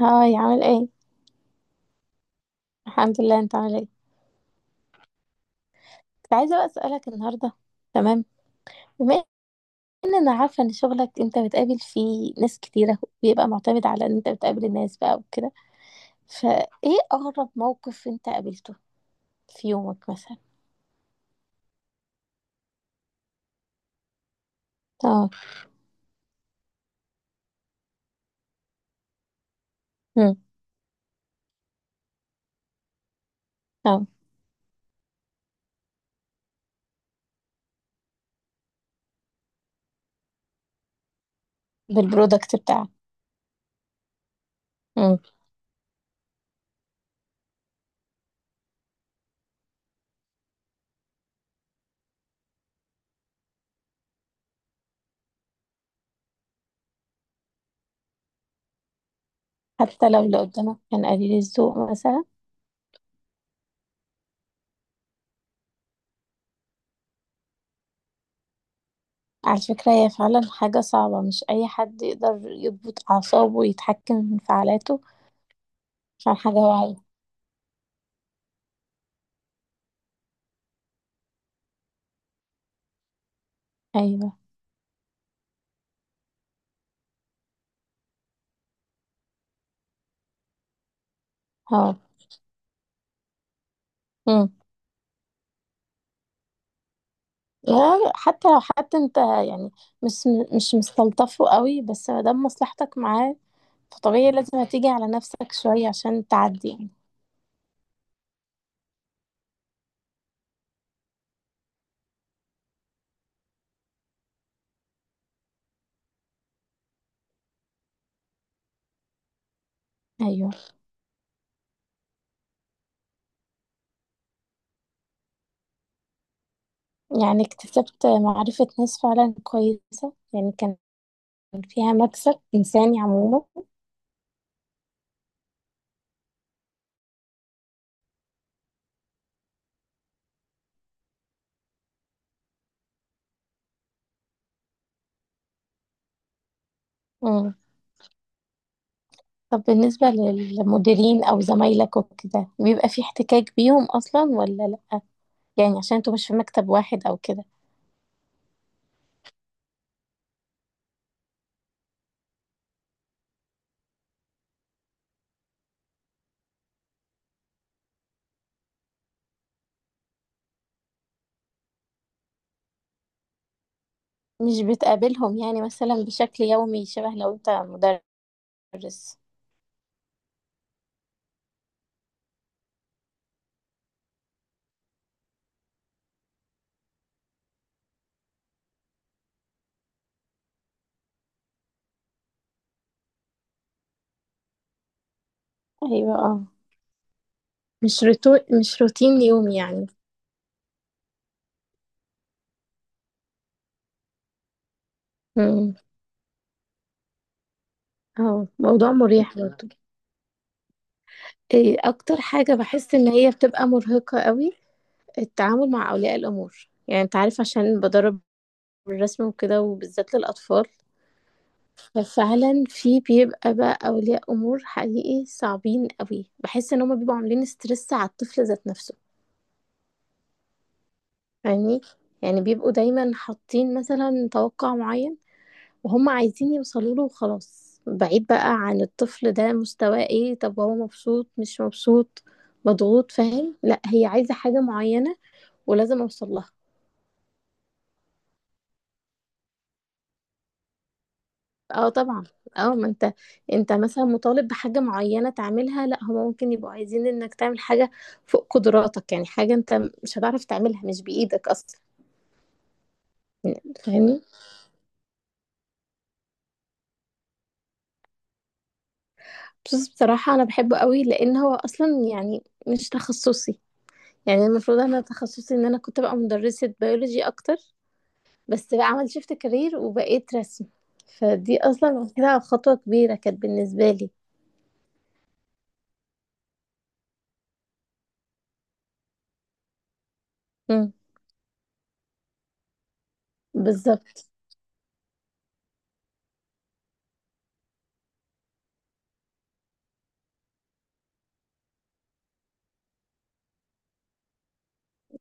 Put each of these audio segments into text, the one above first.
هاي، عامل ايه؟ الحمد لله، انت عامل ايه؟ كنت عايزه بقى اسالك النهارده. تمام. بما ان انا عارفه ان شغلك انت بتقابل فيه ناس كتيره، بيبقى معتمد على ان انت بتقابل الناس بقى وكده. فايه اغرب موقف انت قابلته في يومك مثلا؟ اه. امم. اه، بالبرودكت بتاعك. امم. حتى لو اللي قدامك كان قليل الذوق مثلا. على فكره هي فعلا حاجه صعبه، مش اي حد يقدر يضبط اعصابه ويتحكم في انفعالاته، عشان حاجه واعيه. ايوه. اه. لا، حتى لو حد انت يعني مش مش مستلطفه قوي، بس ما دام مصلحتك معاه فطبيعي لازم هتيجي على نفسك شوية عشان تعدي يعني. ايوه. يعني اكتسبت معرفة ناس فعلا كويسة، يعني كان فيها مكسب إنساني عموما. مم. طب بالنسبة للمديرين أو زمايلك وكده بيبقى في احتكاك بيهم أصلا ولا لأ؟ يعني عشان انتوا مش في مكتب واحد أو كده. مش بتقابلهم يعني مثلا بشكل يومي شبه لو انت مدرس. ايوه. مش روتين يومي يعني. امم. اه، موضوع مريح برضه. إيه اكتر حاجة بحس ان هي بتبقى مرهقة قوي؟ التعامل مع اولياء الامور، يعني انت عارف عشان بدرب الرسم وكده وبالذات للاطفال. ففعلا في بيبقى بقى اولياء امور حقيقي صعبين قوي، بحس ان هما بيبقوا عاملين ستريس على الطفل ذات نفسه. يعني يعني بيبقوا دايما حاطين مثلا توقع معين وهم عايزين يوصلوا له، وخلاص بعيد بقى عن الطفل ده، مستواه ايه، طب هو مبسوط مش مبسوط، مضغوط، فاهم؟ لا، هي عايزة حاجة معينة ولازم اوصل لها. اه طبعا. اه، ما انت مثلا مطالب بحاجة معينة تعملها، لا هما ممكن يبقوا عايزين انك تعمل حاجة فوق قدراتك، يعني حاجة انت مش هتعرف تعملها، مش بإيدك اصلا. فاهمني؟ بس بصراحة انا بحبه قوي لان هو اصلا يعني مش تخصصي، يعني المفروض انا تخصصي ان انا كنت بقى مدرسة بيولوجي اكتر. بس بقى عملت شيفت كارير وبقيت رسم، فدي اصلا كده خطوة كبيرة كانت بالنسبة لي. مم. بالظبط.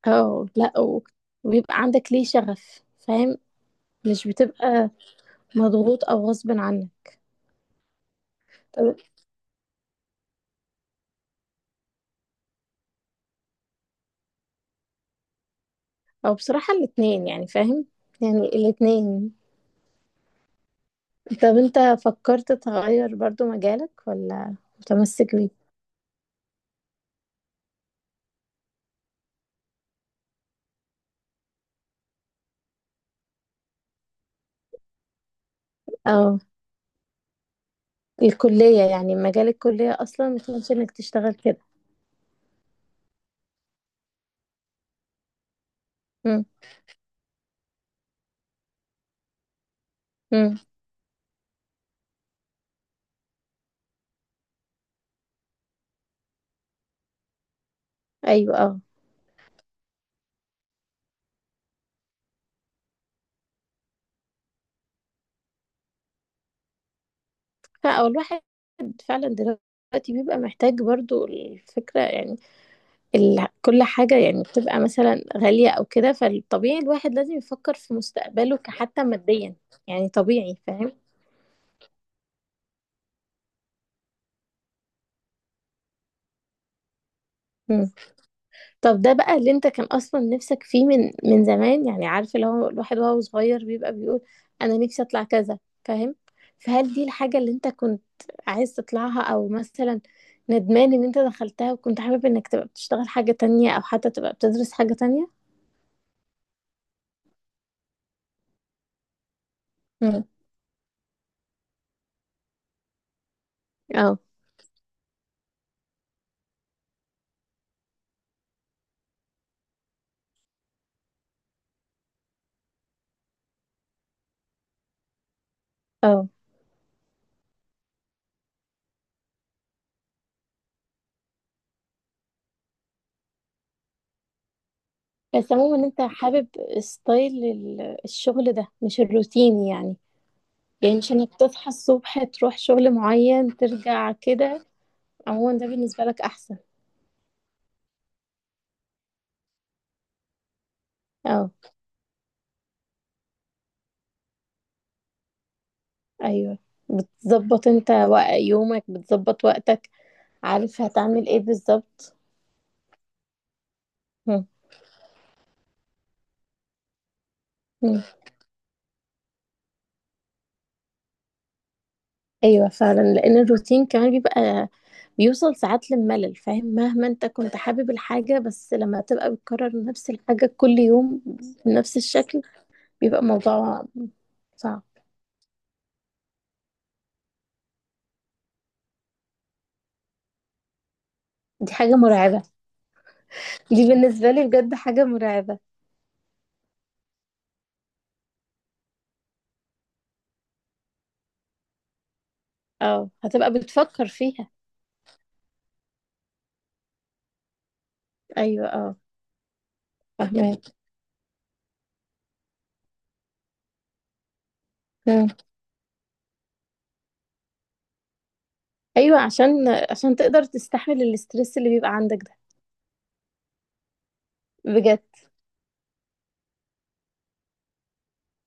اه لا وبيبقى عندك ليه شغف، فاهم؟ مش بتبقى مضغوط او غصب عنك. طب او بصراحة الاتنين يعني، فاهم؟ يعني الاتنين. طب انت فكرت تغير برضو مجالك ولا متمسك بيه؟ او الكلية، يعني مجال الكلية اصلا مش انك تشتغل كده. مم. مم. ايوه. اه. أو الواحد فعلا دلوقتي بيبقى محتاج برضو الفكرة يعني، ال... كل حاجة يعني بتبقى مثلا غالية أو كده، فالطبيعي الواحد لازم يفكر في مستقبله كحتى ماديا. يعني طبيعي، فاهم؟ مم. طب ده بقى اللي انت كان اصلا نفسك فيه من زمان، يعني عارف اللي هو الواحد وهو صغير بيبقى بيقول انا نفسي اطلع كذا، فاهم؟ فهل دي الحاجة اللي انت كنت عايز تطلعها او مثلا ندمان ان انت دخلتها وكنت حابب انك تبقى بتشتغل حاجة تانية او حتى تبقى بتدرس حاجة تانية؟ مم. اه اه. بس عموما انت حابب ستايل الشغل ده، مش الروتين يعني، يعني مش انك تصحى الصبح تروح شغل معين ترجع كده. عموما ده بالنسبة لك احسن. اه. ايوه، بتظبط انت يومك، بتظبط وقتك، عارف هتعمل ايه بالظبط. مم. مم. ايوه فعلا، لان الروتين كمان بيبقى بيوصل ساعات للملل، فاهم؟ مهما انت كنت حابب الحاجة، بس لما تبقى بتكرر نفس الحاجة كل يوم بنفس الشكل، بيبقى موضوع صعب. دي حاجة مرعبة. دي بالنسبة لي بجد حاجة مرعبة. اه، هتبقى بتفكر فيها. ايوه. اه. فاهمك. مم. ايوه، عشان تقدر تستحمل الاسترس اللي بيبقى عندك ده. بجد.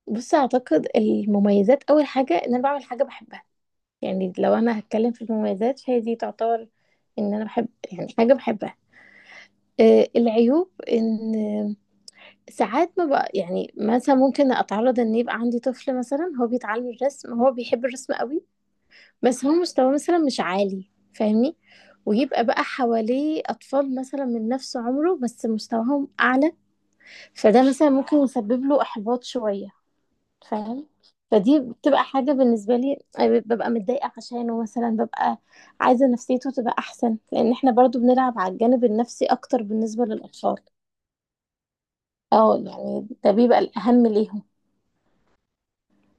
بص اعتقد المميزات اول حاجة ان انا بعمل حاجة بحبها، يعني لو انا هتكلم في المميزات فهي دي تعتبر ان انا بحب يعني حاجة بحبها. آه، العيوب ان ساعات ما بقى يعني مثلا ممكن اتعرض ان يبقى عندي طفل مثلا هو بيتعلم الرسم، هو بيحب الرسم قوي، بس هو مستواه مثلا مش عالي، فاهمني؟ ويبقى بقى حواليه اطفال مثلا من نفس عمره بس مستواهم اعلى، فده مثلا ممكن يسبب له احباط شوية، فاهم؟ فدي بتبقى حاجة بالنسبة لي ببقى متضايقة عشانه، مثلا ببقى عايزة نفسيته تبقى أحسن، لأن احنا برضو بنلعب على الجانب النفسي أكتر بالنسبة للأطفال. اه، يعني ده بيبقى الأهم ليهم.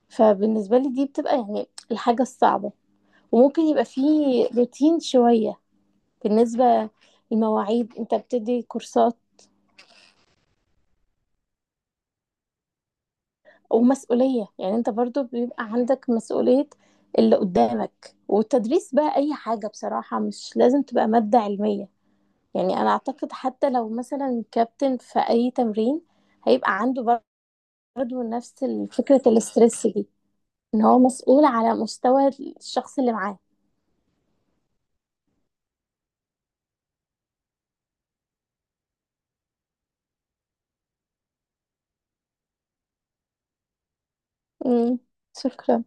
فبالنسبة لي دي بتبقى يعني الحاجة الصعبة. وممكن يبقى فيه روتين شوية بالنسبة للمواعيد، انت بتدي كورسات. ومسؤولية، يعني انت برضو بيبقى عندك مسؤولية اللي قدامك. والتدريس بقى أي حاجة بصراحة، مش لازم تبقى مادة علمية، يعني أنا أعتقد حتى لو مثلا كابتن في أي تمرين هيبقى عنده برضو نفس فكرة الاسترس دي، إن هو مسؤول على مستوى الشخص اللي معاه. مم. شكرا.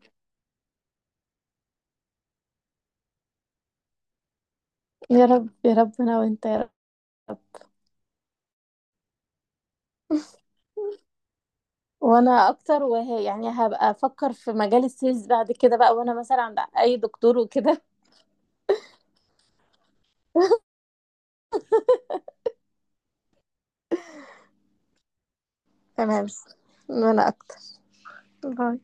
يا رب يا رب، انا وانت يا رب. وانا اكتر، وهي يعني هبقى افكر في مجال السيلز بعد كده بقى وانا مثلا عند اي دكتور وكده. تمام. وانا اكتر. باي.